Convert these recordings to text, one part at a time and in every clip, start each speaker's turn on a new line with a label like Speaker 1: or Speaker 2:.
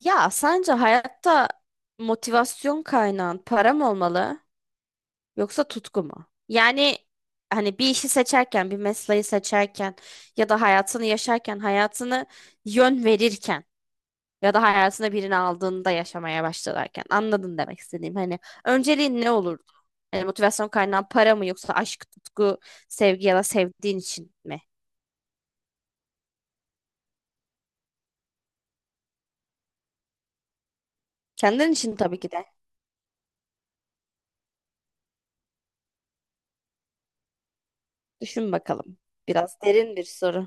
Speaker 1: Ya sence hayatta motivasyon kaynağın para mı olmalı yoksa tutku mu? Yani hani bir işi seçerken, bir mesleği seçerken ya da hayatını yaşarken, hayatını yön verirken ya da hayatına birini aldığında yaşamaya başlarken anladın demek istediğim. Hani önceliğin ne olurdu? Hani motivasyon kaynağın para mı yoksa aşk, tutku, sevgi ya da sevdiğin için mi? Kendin için tabii ki de. Düşün bakalım. Biraz derin bir soru.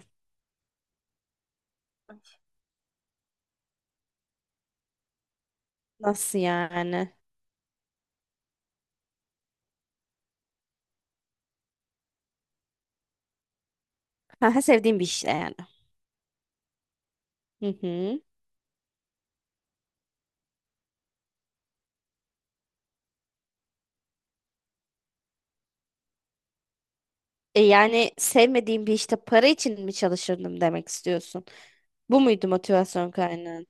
Speaker 1: Nasıl yani? Ha, sevdiğim bir işte yani. Hı hı. E yani sevmediğim bir işte para için mi çalışırdım demek istiyorsun? Bu muydu motivasyon kaynağın?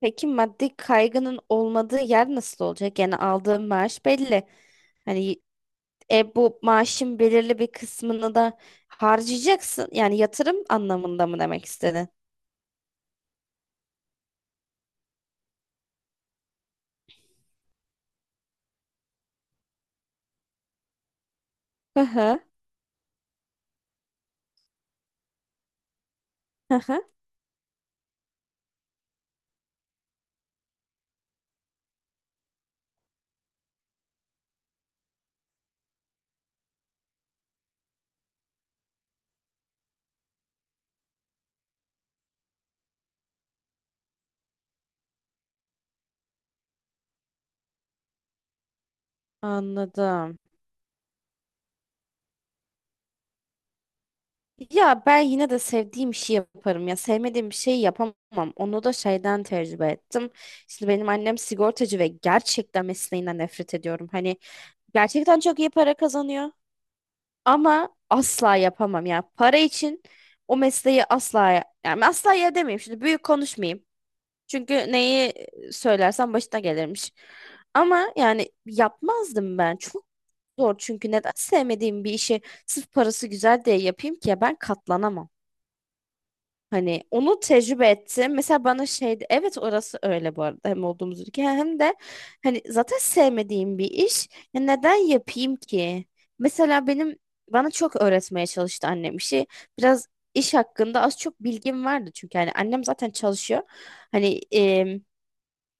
Speaker 1: Peki maddi kaygının olmadığı yer nasıl olacak? Yani aldığım maaş belli. Hani bu maaşın belirli bir kısmını da harcayacaksın. Yani yatırım anlamında mı demek istedin? Hı hı. Hı hı. Anladım. Ya ben yine de sevdiğim işi yaparım, ya sevmediğim bir şeyi yapamam. Onu da şeyden tecrübe ettim. Şimdi benim annem sigortacı ve gerçekten mesleğinden nefret ediyorum. Hani gerçekten çok iyi para kazanıyor ama asla yapamam ya. Para için o mesleği asla, yani asla ya demeyeyim. Şimdi büyük konuşmayayım. Çünkü neyi söylersem başına gelirmiş. Ama yani yapmazdım ben. Çok zor, çünkü neden sevmediğim bir işi sırf parası güzel diye yapayım ki, ya ben katlanamam. Hani onu tecrübe ettim. Mesela bana şeydi, evet orası öyle, bu arada hem olduğumuz ülke hem de hani zaten sevmediğim bir iş. Ya neden yapayım ki? Mesela benim bana çok öğretmeye çalıştı annem işi. Biraz iş hakkında az çok bilgim vardı, çünkü hani annem zaten çalışıyor. Hani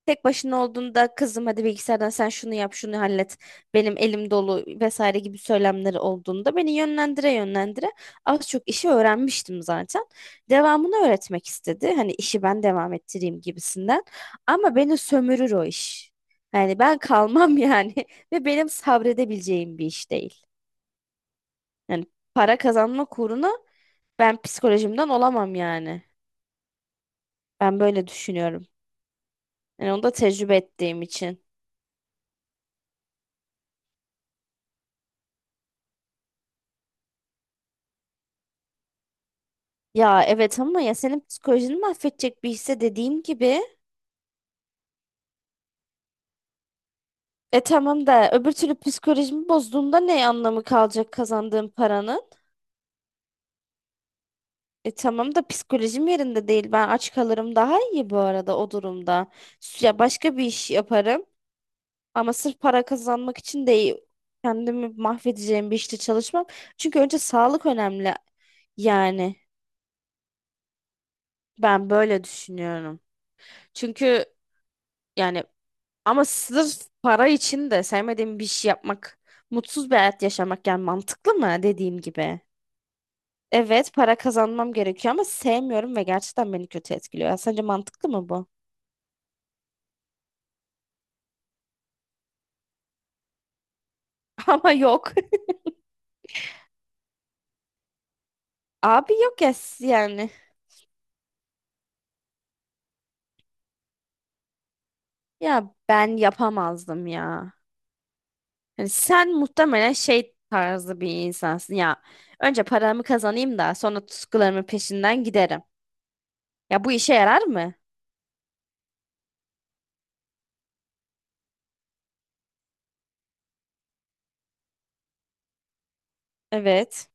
Speaker 1: tek başına olduğunda "kızım hadi bilgisayardan sen şunu yap, şunu hallet, benim elim dolu" vesaire gibi söylemleri olduğunda beni yönlendire yönlendire az çok işi öğrenmiştim zaten. Devamını öğretmek istedi, hani işi ben devam ettireyim gibisinden, ama beni sömürür o iş. Yani ben kalmam yani ve benim sabredebileceğim bir iş değil. Yani para kazanma uğruna ben psikolojimden olamam yani. Ben böyle düşünüyorum. Yani onu da tecrübe ettiğim için. Ya evet, ama ya senin psikolojini mahvedecek bir hisse, dediğim gibi. E tamam da öbür türlü psikolojimi bozduğumda ne anlamı kalacak kazandığım paranın? E tamam da psikolojim yerinde değil. Ben aç kalırım daha iyi, bu arada, o durumda. Ya başka bir iş yaparım ama sırf para kazanmak için değil. Kendimi mahvedeceğim bir işte çalışmam. Çünkü önce sağlık önemli. Yani ben böyle düşünüyorum. Çünkü yani Ama sırf para için de sevmediğim bir şey yapmak, mutsuz bir hayat yaşamak, yani mantıklı mı, dediğim gibi? Evet, para kazanmam gerekiyor ama sevmiyorum ve gerçekten beni kötü etkiliyor. Ya sence mantıklı mı bu? Ama yok. Abi yok ya yani. Ya ben yapamazdım ya. Yani sen muhtemelen şey tarzı bir insansın ya. Önce paramı kazanayım da sonra tutkularımın peşinden giderim. Ya bu işe yarar mı? Evet.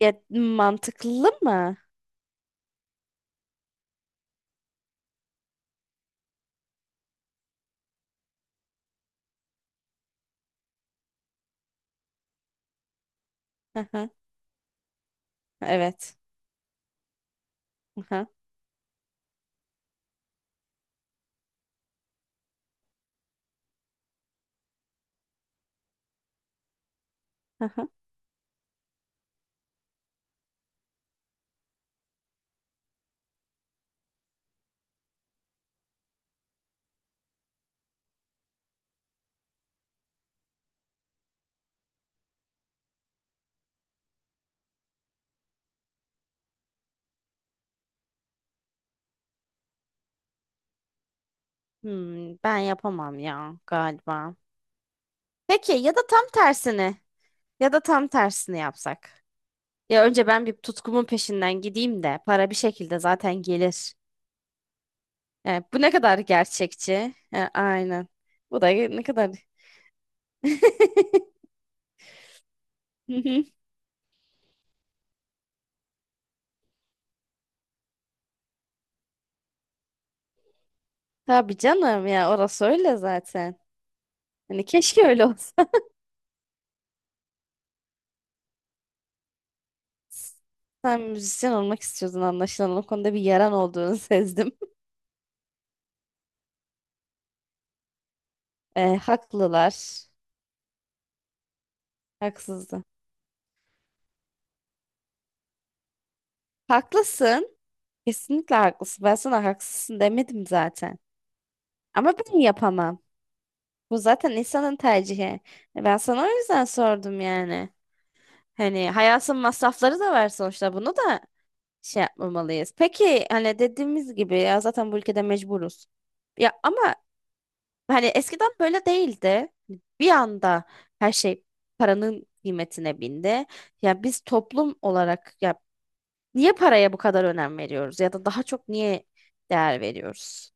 Speaker 1: Ya mantıklı mı? Evet. Aha, aha. Ben yapamam ya galiba. Peki ya da tam tersini yapsak. Ya önce ben bir tutkumun peşinden gideyim de para bir şekilde zaten gelir. E, bu ne kadar gerçekçi? E, aynen. Bu da ne kadar. Tabii canım ya, orası öyle zaten. Hani keşke öyle olsa. Sen müzisyen olmak istiyordun anlaşılan. O konuda bir yaran olduğunu sezdim. E, haklılar. Haksızdı. Haklısın. Kesinlikle haklısın. Ben sana haksızsın demedim zaten. Ama ben yapamam. Bu zaten insanın tercihi. E, ben sana o yüzden sordum yani. Hani hayatın masrafları da var sonuçta. Bunu da şey yapmamalıyız. Peki, hani dediğimiz gibi, ya zaten bu ülkede mecburuz. Ya ama hani eskiden böyle değildi. Bir anda her şey paranın kıymetine bindi. Ya biz toplum olarak ya niye paraya bu kadar önem veriyoruz ya da daha çok niye değer veriyoruz?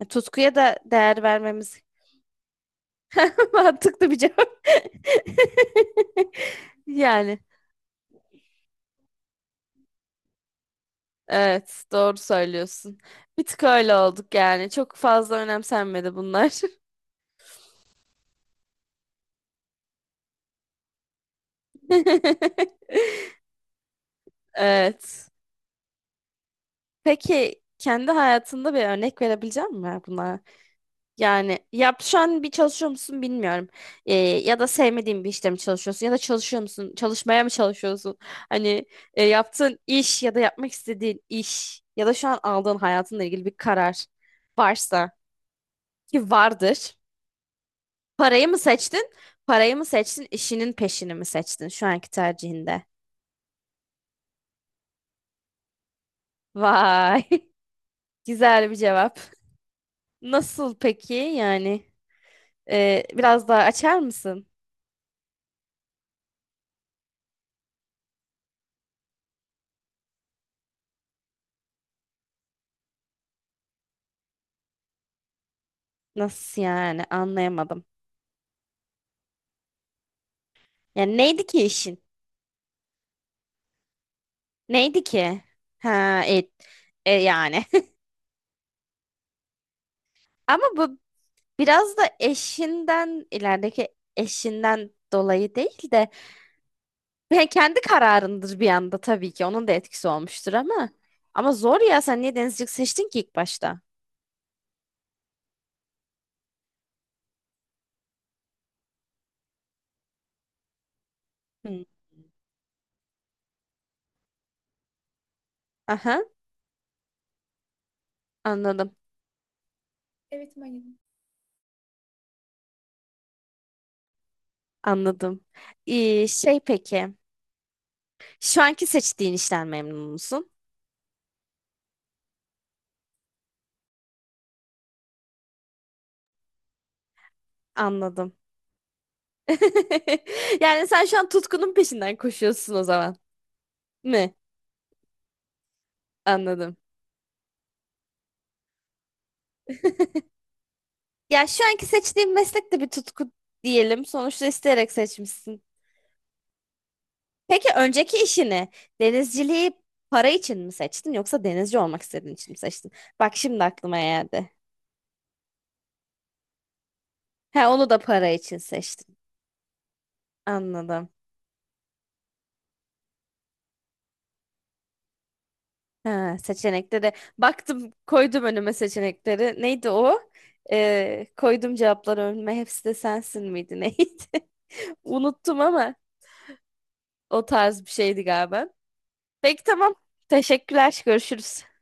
Speaker 1: E, tutkuya da değer vermemiz mantıklı bir cevap. Yani evet, doğru söylüyorsun. Bir tık öyle olduk yani. Çok fazla önemsenmedi bunlar. Evet. Peki kendi hayatında bir örnek verebilecek misin bunlara? Yani şu an bir çalışıyor musun bilmiyorum. Ya da sevmediğin bir işte mi çalışıyorsun ya da çalışıyor musun? Çalışmaya mı çalışıyorsun? Hani yaptığın iş ya da yapmak istediğin iş ya da şu an aldığın hayatınla ilgili bir karar varsa, ki vardır. Parayı mı seçtin? Parayı mı seçtin? İşinin peşini mi seçtin şu anki tercihinde? Vay, güzel bir cevap. Nasıl peki yani? Biraz daha açar mısın? Nasıl yani? Anlayamadım. Yani neydi ki işin? Neydi ki? Ha, et. E, yani. Ama bu biraz da eşinden ilerideki dolayı değil de, yani kendi kararındır bir anda tabii ki. Onun da etkisi olmuştur ama. Ama zor ya, sen niye denizcilik seçtin ki ilk başta? Hmm. Aha, anladım. Anladım. Şey peki. Şu anki seçtiğin işten memnun musun? Anladım. Yani sen şu an tutkunun peşinden koşuyorsun o zaman. Mi? Anladım. Ya şu anki seçtiğin meslek de bir tutku diyelim. Sonuçta isteyerek seçmişsin. Peki önceki işini, denizciliği, para için mi seçtin yoksa denizci olmak istediğin için mi seçtin? Bak şimdi aklıma geldi. He, onu da para için seçtin. Anladım. Ha, seçenekleri, baktım koydum önüme seçenekleri. Neydi o? Koydum cevapları önüme. Hepsi de sensin miydi neydi? Unuttum ama o tarz bir şeydi galiba. Peki tamam. Teşekkürler. Görüşürüz.